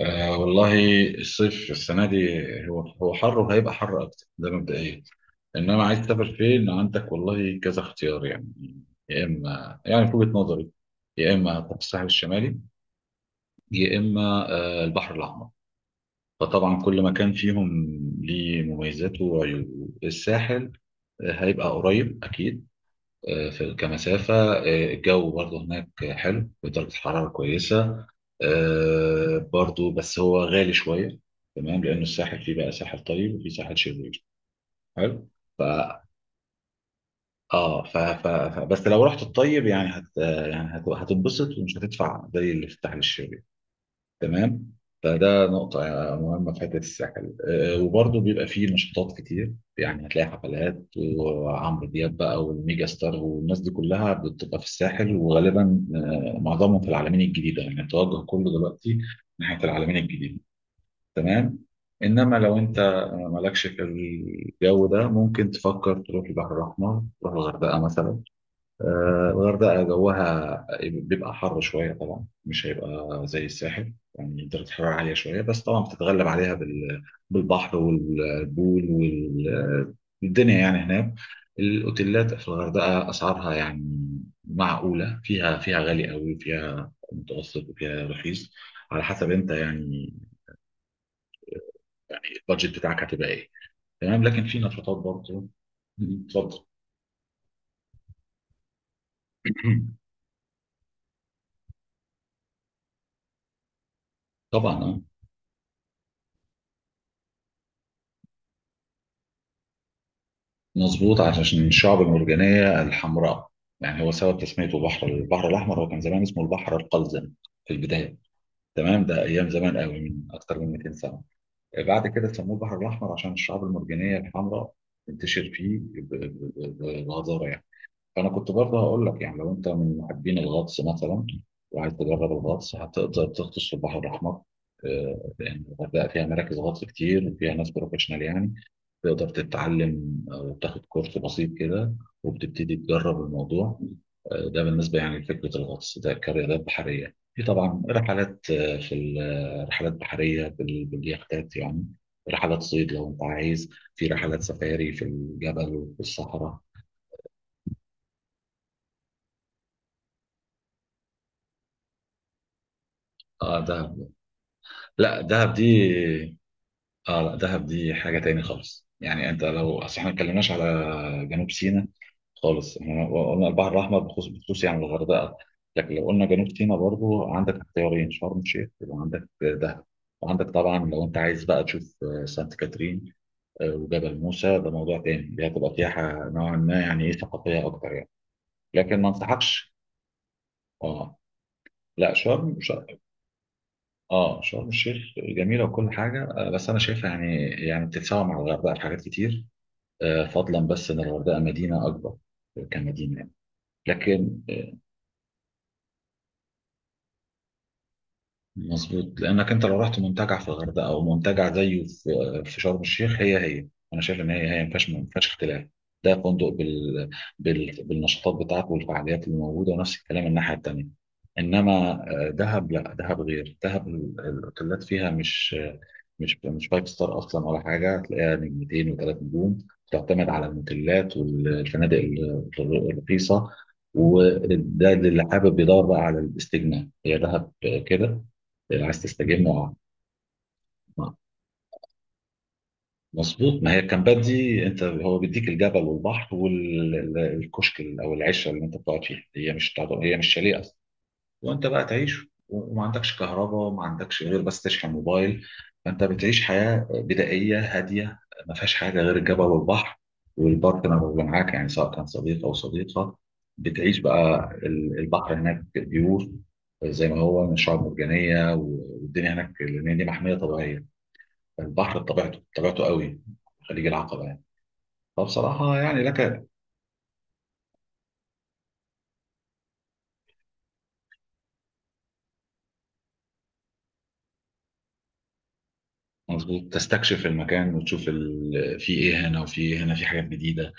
آه والله. الصيف السنة دي هو حر وهيبقى حر أكتر، ده مبدئيا. إنما عايز تسافر فين؟ عندك والله كذا اختيار يعني. يا إما يعني في وجهة نظري، يا إما هتروح الساحل الشمالي، يا إما البحر الأحمر. فطبعا كل مكان فيهم ليه مميزاته وعيوبه. الساحل هيبقى قريب أكيد، في كمسافة، الجو برضو هناك حلو، درجة الحرارة كويسة، برضو بس هو غالي شوية. تمام، لأنه الساحل فيه بقى ساحل طيب وفيه ساحل شرير. حلو. ف اه ف... ف... ف... بس لو رحت الطيب يعني هتنبسط ومش هتدفع زي اللي في الساحل الشرير. تمام. فده نقطة مهمة في حتة الساحل، وبرضه بيبقى فيه نشاطات كتير. يعني هتلاقي حفلات وعمرو دياب بقى والميجا ستار والناس دي كلها بتبقى في الساحل، وغالبا معظمهم في العلمين الجديدة. يعني التوجه كله دلوقتي ناحية العلمين الجديدة. تمام. إنما لو أنت مالكش في الجو ده، ممكن تفكر تروح البحر الأحمر، تروح الغردقة مثلا. الغردقة جوها بيبقى حر شوية طبعا، مش هيبقى زي الساحل. يعني درجة الحرارة عالية شوية، بس طبعا بتتغلب عليها بالبحر والبول والدنيا يعني هناك. الأوتيلات في الغردقة أسعارها يعني معقولة، فيها غالي قوي، فيها متوسط، وفيها رخيص، على حسب أنت يعني البادجت بتاعك هتبقى إيه. تمام. لكن في نشاطات برضه. اتفضل. طبعا آه. مظبوط، عشان الشعب المرجانية الحمراء. يعني هو سبب تسميته بحر البحر الأحمر، هو كان زمان اسمه البحر القلزم في البداية. تمام، ده أيام زمان قوي، من أكتر من 200 سنة. بعد كده سموه البحر الأحمر عشان الشعاب المرجانية الحمراء تنتشر فيه بغزارة. انا كنت برضه هقول لك يعني لو انت من محبين الغطس مثلا وعايز تجرب الغطس، هتقدر تغطس في البحر الاحمر، لان الغردقه فيها مراكز غطس كتير، وفيها ناس بروفيشنال يعني تقدر تتعلم، وتاخد كورس بسيط كده وبتبتدي تجرب الموضوع. ده بالنسبه يعني لفكره الغطس، ده كرياضات بحريه. في طبعا رحلات، آه، في ال- آه، رحلات بحريه باليختات يعني، رحلات صيد لو انت عايز، في رحلات سفاري في الجبل وفي الصحراء. اه ده. لا، دهب دي، اه لا دهب دي حاجة تاني خالص. يعني انت لو اصل احنا ما اتكلمناش على جنوب سيناء خالص. احنا قلنا البحر الاحمر بخصوص يعني الغردقة. لكن لو قلنا جنوب سيناء برضو، عندك اختيارين: شرم الشيخ، وعندك دهب. وعندك طبعا لو انت عايز بقى تشوف سانت كاترين، وجبل موسى، ده موضوع تاني. دي هتبقى سياحة نوعا ما يعني ايه، ثقافية اكتر يعني. لكن ما انصحكش. اه. لا، شرم، اه شرم الشيخ جميله وكل حاجه، بس انا شايفها يعني بتتساوى مع الغردقه في حاجات كتير، فضلا بس ان الغردقه مدينه اكبر كمدينه يعني. لكن مظبوط، لانك انت لو رحت منتجع في الغردقه او منتجع زيه في شرم الشيخ، هي هي. انا شايف ان هي هي ما فيهاش اختلاف. ده فندق بالنشاطات بتاعته والفعاليات اللي موجوده، ونفس الكلام الناحيه التانيه. انما دهب، لا دهب غير دهب، الاوتيلات فيها مش مش فايف ستار اصلا ولا حاجه، تلاقيها نجمتين وثلاث نجوم، تعتمد على الموتيلات والفنادق الرخيصه. وده اللي حابب يدور بقى على الاستجمام هي دهب. كده عايز تستجم، اه. آه. مظبوط، ما هي الكامبات دي انت هو بيديك الجبل والبحر والكشك او العشه اللي انت بتقعد فيها، هي مش تعض- هي مش شاليه اصلا. وانت بقى تعيش. وما عندكش كهرباء، وما عندكش غير بس تشحن موبايل. فانت بتعيش حياه بدائيه هاديه، ما فيهاش حاجه غير الجبل والبحر، والبارتنر اللي معاك يعني سواء كان صديق او صديقه. بتعيش بقى. البحر هناك بيور زي ما هو، من شعاب مرجانيه والدنيا هناك، لان دي محميه طبيعيه. البحر بطبيعته قوي، خليج العقبة يعني. فبصراحة يعني لك. مظبوط، تستكشف المكان وتشوف ال... في ايه هنا وفي ايه هنا، في حاجات جديدة.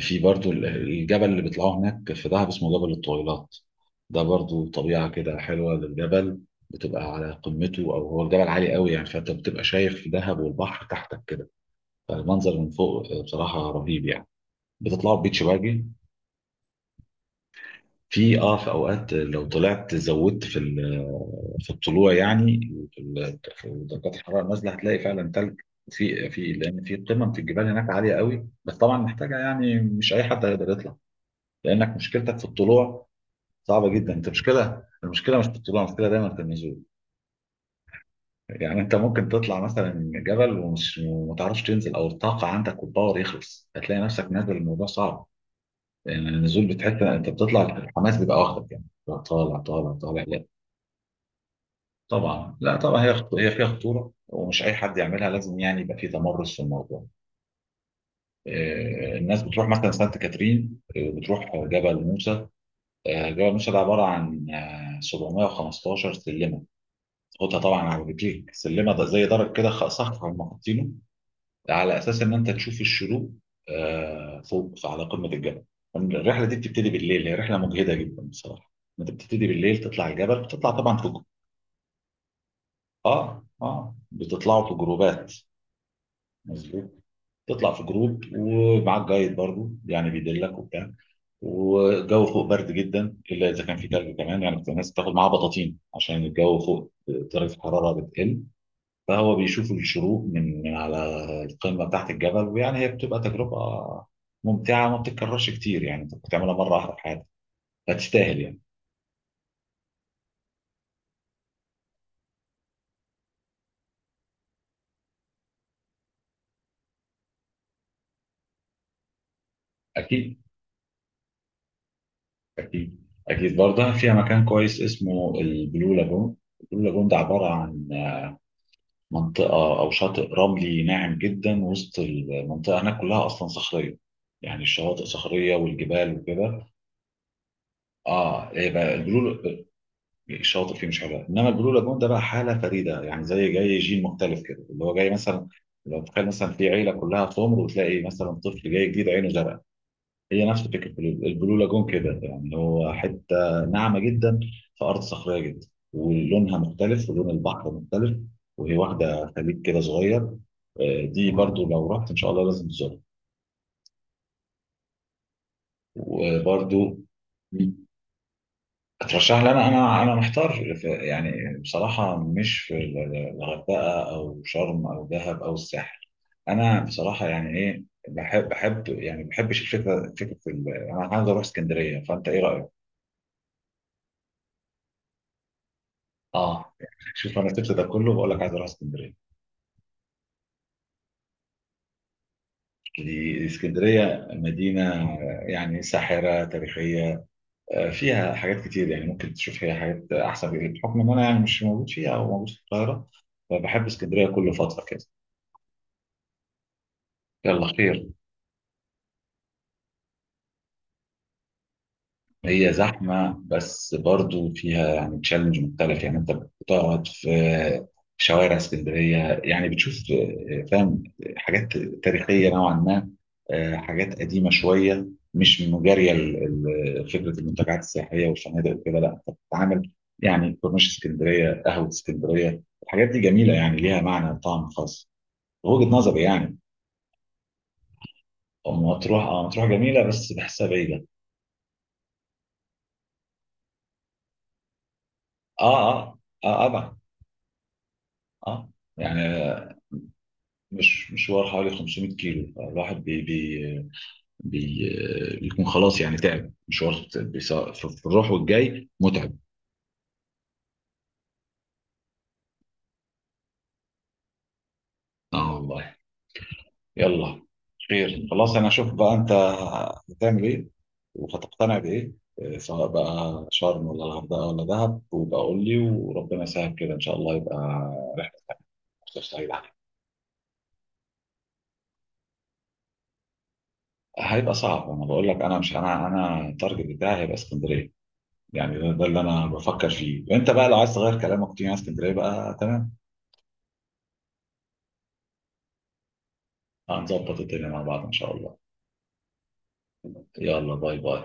في برضو الجبل اللي بيطلعوه هناك في دهب اسمه جبل الطويلات، ده برضو طبيعة كده حلوة للجبل. بتبقى على قمته، او هو الجبل عالي قوي يعني، فانت بتبقى شايف في دهب والبحر تحتك كده، فالمنظر من فوق بصراحة رهيب يعني. بتطلعوا بيتش باجي. في اه في اوقات لو طلعت زودت في الطلوع يعني، في درجات الحراره نازله، هتلاقي فعلا ثلج. في في لان في قمم في الجبال هناك عاليه قوي، بس طبعا محتاجه يعني مش اي حد هيقدر يطلع، لانك مشكلتك في الطلوع. صعبه جدا، انت المشكله مش في الطلوع، المشكله دايما في النزول. يعني انت ممكن تطلع مثلا جبل ومش وما تعرفش تنزل، او الطاقه عندك والباور يخلص، هتلاقي نفسك نازل، الموضوع صعب يعني. النزول، بتحس انت بتطلع الحماس بيبقى واخدك يعني، طالع طالع طالع. طبعا، لا طبعا هي هي فيها خطوره، ومش اي حد يعملها، لازم يعني يبقى في تمرس في الموضوع. الناس بتروح مثلا سانت كاترين، بتروح جبل موسى. جبل موسى ده عباره عن 715 سلمه. خدها طبعا على رجليك، سلمه ده زي درج كده صف هم حاطينه على اساس ان انت تشوف الشروق فوق على قمه الجبل. الرحله دي بتبتدي بالليل، هي رحله مجهده جدا بصراحه. انت بتبتدي بالليل تطلع الجبل، بتطلع طبعا اه اه، بتطلعوا في جروبات. مظبوط. تطلع في جروب ومعاك جايد برضو يعني بيدلك وبتاع، والجو فوق برد جدا، الا اذا كان في تلج كمان يعني. كنت الناس بتاخد معاها بطاطين عشان الجو فوق درجه الحراره بتقل. فهو بيشوف الشروق من من على القمه بتاعت الجبل، ويعني هي بتبقى تجربه ممتعه وما بتتكررش كتير، يعني انت بتعملها مره واحده في حياتك. هتستاهل يعني. اكيد. اكيد اكيد، برضه فيها مكان كويس اسمه البلو لاجون. البلو لاجون ده عباره عن منطقة أو شاطئ رملي ناعم جدا، وسط المنطقة هناك كلها أصلا صخرية، يعني الشواطئ صخرية والجبال وكده. اه، ايه بقى البلو. الشواطئ فيه مش حلوة، انما البلو لاجون ده بقى حالة فريدة، يعني زي جاي جيل مختلف كده اللي هو جاي مثلا. لو تخيل مثلا في عيلة كلها سمر وتلاقي مثلا طفل جاي جديد عينه زرقاء، هي نفس فكرة البلو لاجون كده، يعني هو حتة ناعمة جدا في أرض صخرية جدا، ولونها مختلف، ولون البحر مختلف، وهي واخدة خليج كده صغير. دي برضو لو رحت إن شاء الله لازم تزورها. وبرضو اترشح لي. أنا محتار يعني بصراحة مش في الغردقة أو شرم أو دهب أو الساحل. أنا بصراحة يعني إيه، بحب يعني ما بحبش الفكرة، فكرة أنا عايز أروح اسكندرية، فأنت إيه رأيك؟ اه. شوف، انا سبت ده كله بقول لك عايز اروح اسكندريه. اسكندريه مدينه يعني ساحره تاريخيه، فيها حاجات كتير، يعني ممكن تشوف فيها حاجات احسن بكتير، بحكم ان انا يعني مش موجود فيها او موجود في القاهره. فبحب اسكندريه كل فتره كده. يلا خير. هي زحمة بس برضو فيها يعني تشالنج مختلف. يعني انت بتقعد في شوارع اسكندرية، يعني بتشوف، فاهم، حاجات تاريخية نوعا ما، حاجات قديمة شوية، مش مجارية فكرة المنتجعات السياحية والفنادق وكده. لا، انت بتتعامل يعني كورنيش اسكندرية، قهوة اسكندرية، الحاجات دي جميلة، يعني ليها معنى وطعم خاص. وجهة نظري يعني. مطروح، اه مطروح جميلة بس بحسها بعيدة. اه اه اه. طبعا. اه. يعني مش مشوار، حوالي 500 كيلو، فالواحد بي بي بي بيكون خلاص يعني تعب مشوار في الروح والجاي متعب. اه والله. يلا خير. خلاص انا اشوف بقى انت هتعمل ايه وهتقتنع بايه، سواء بقى شرم ولا الغردقه ولا دهب، وبقى قول لي، وربنا يسهل كده ان شاء الله، يبقى رحله مصيف سعيده عليك. هيبقى صعب، انا بقول لك انا مش انا التارجت بتاعي هيبقى اسكندريه. يعني ده اللي انا بفكر فيه، وانت بقى لو عايز تغير كلامك تيجي على اسكندريه بقى. تمام. هنظبط الدنيا مع بعض إن شاء الله. يلا باي باي.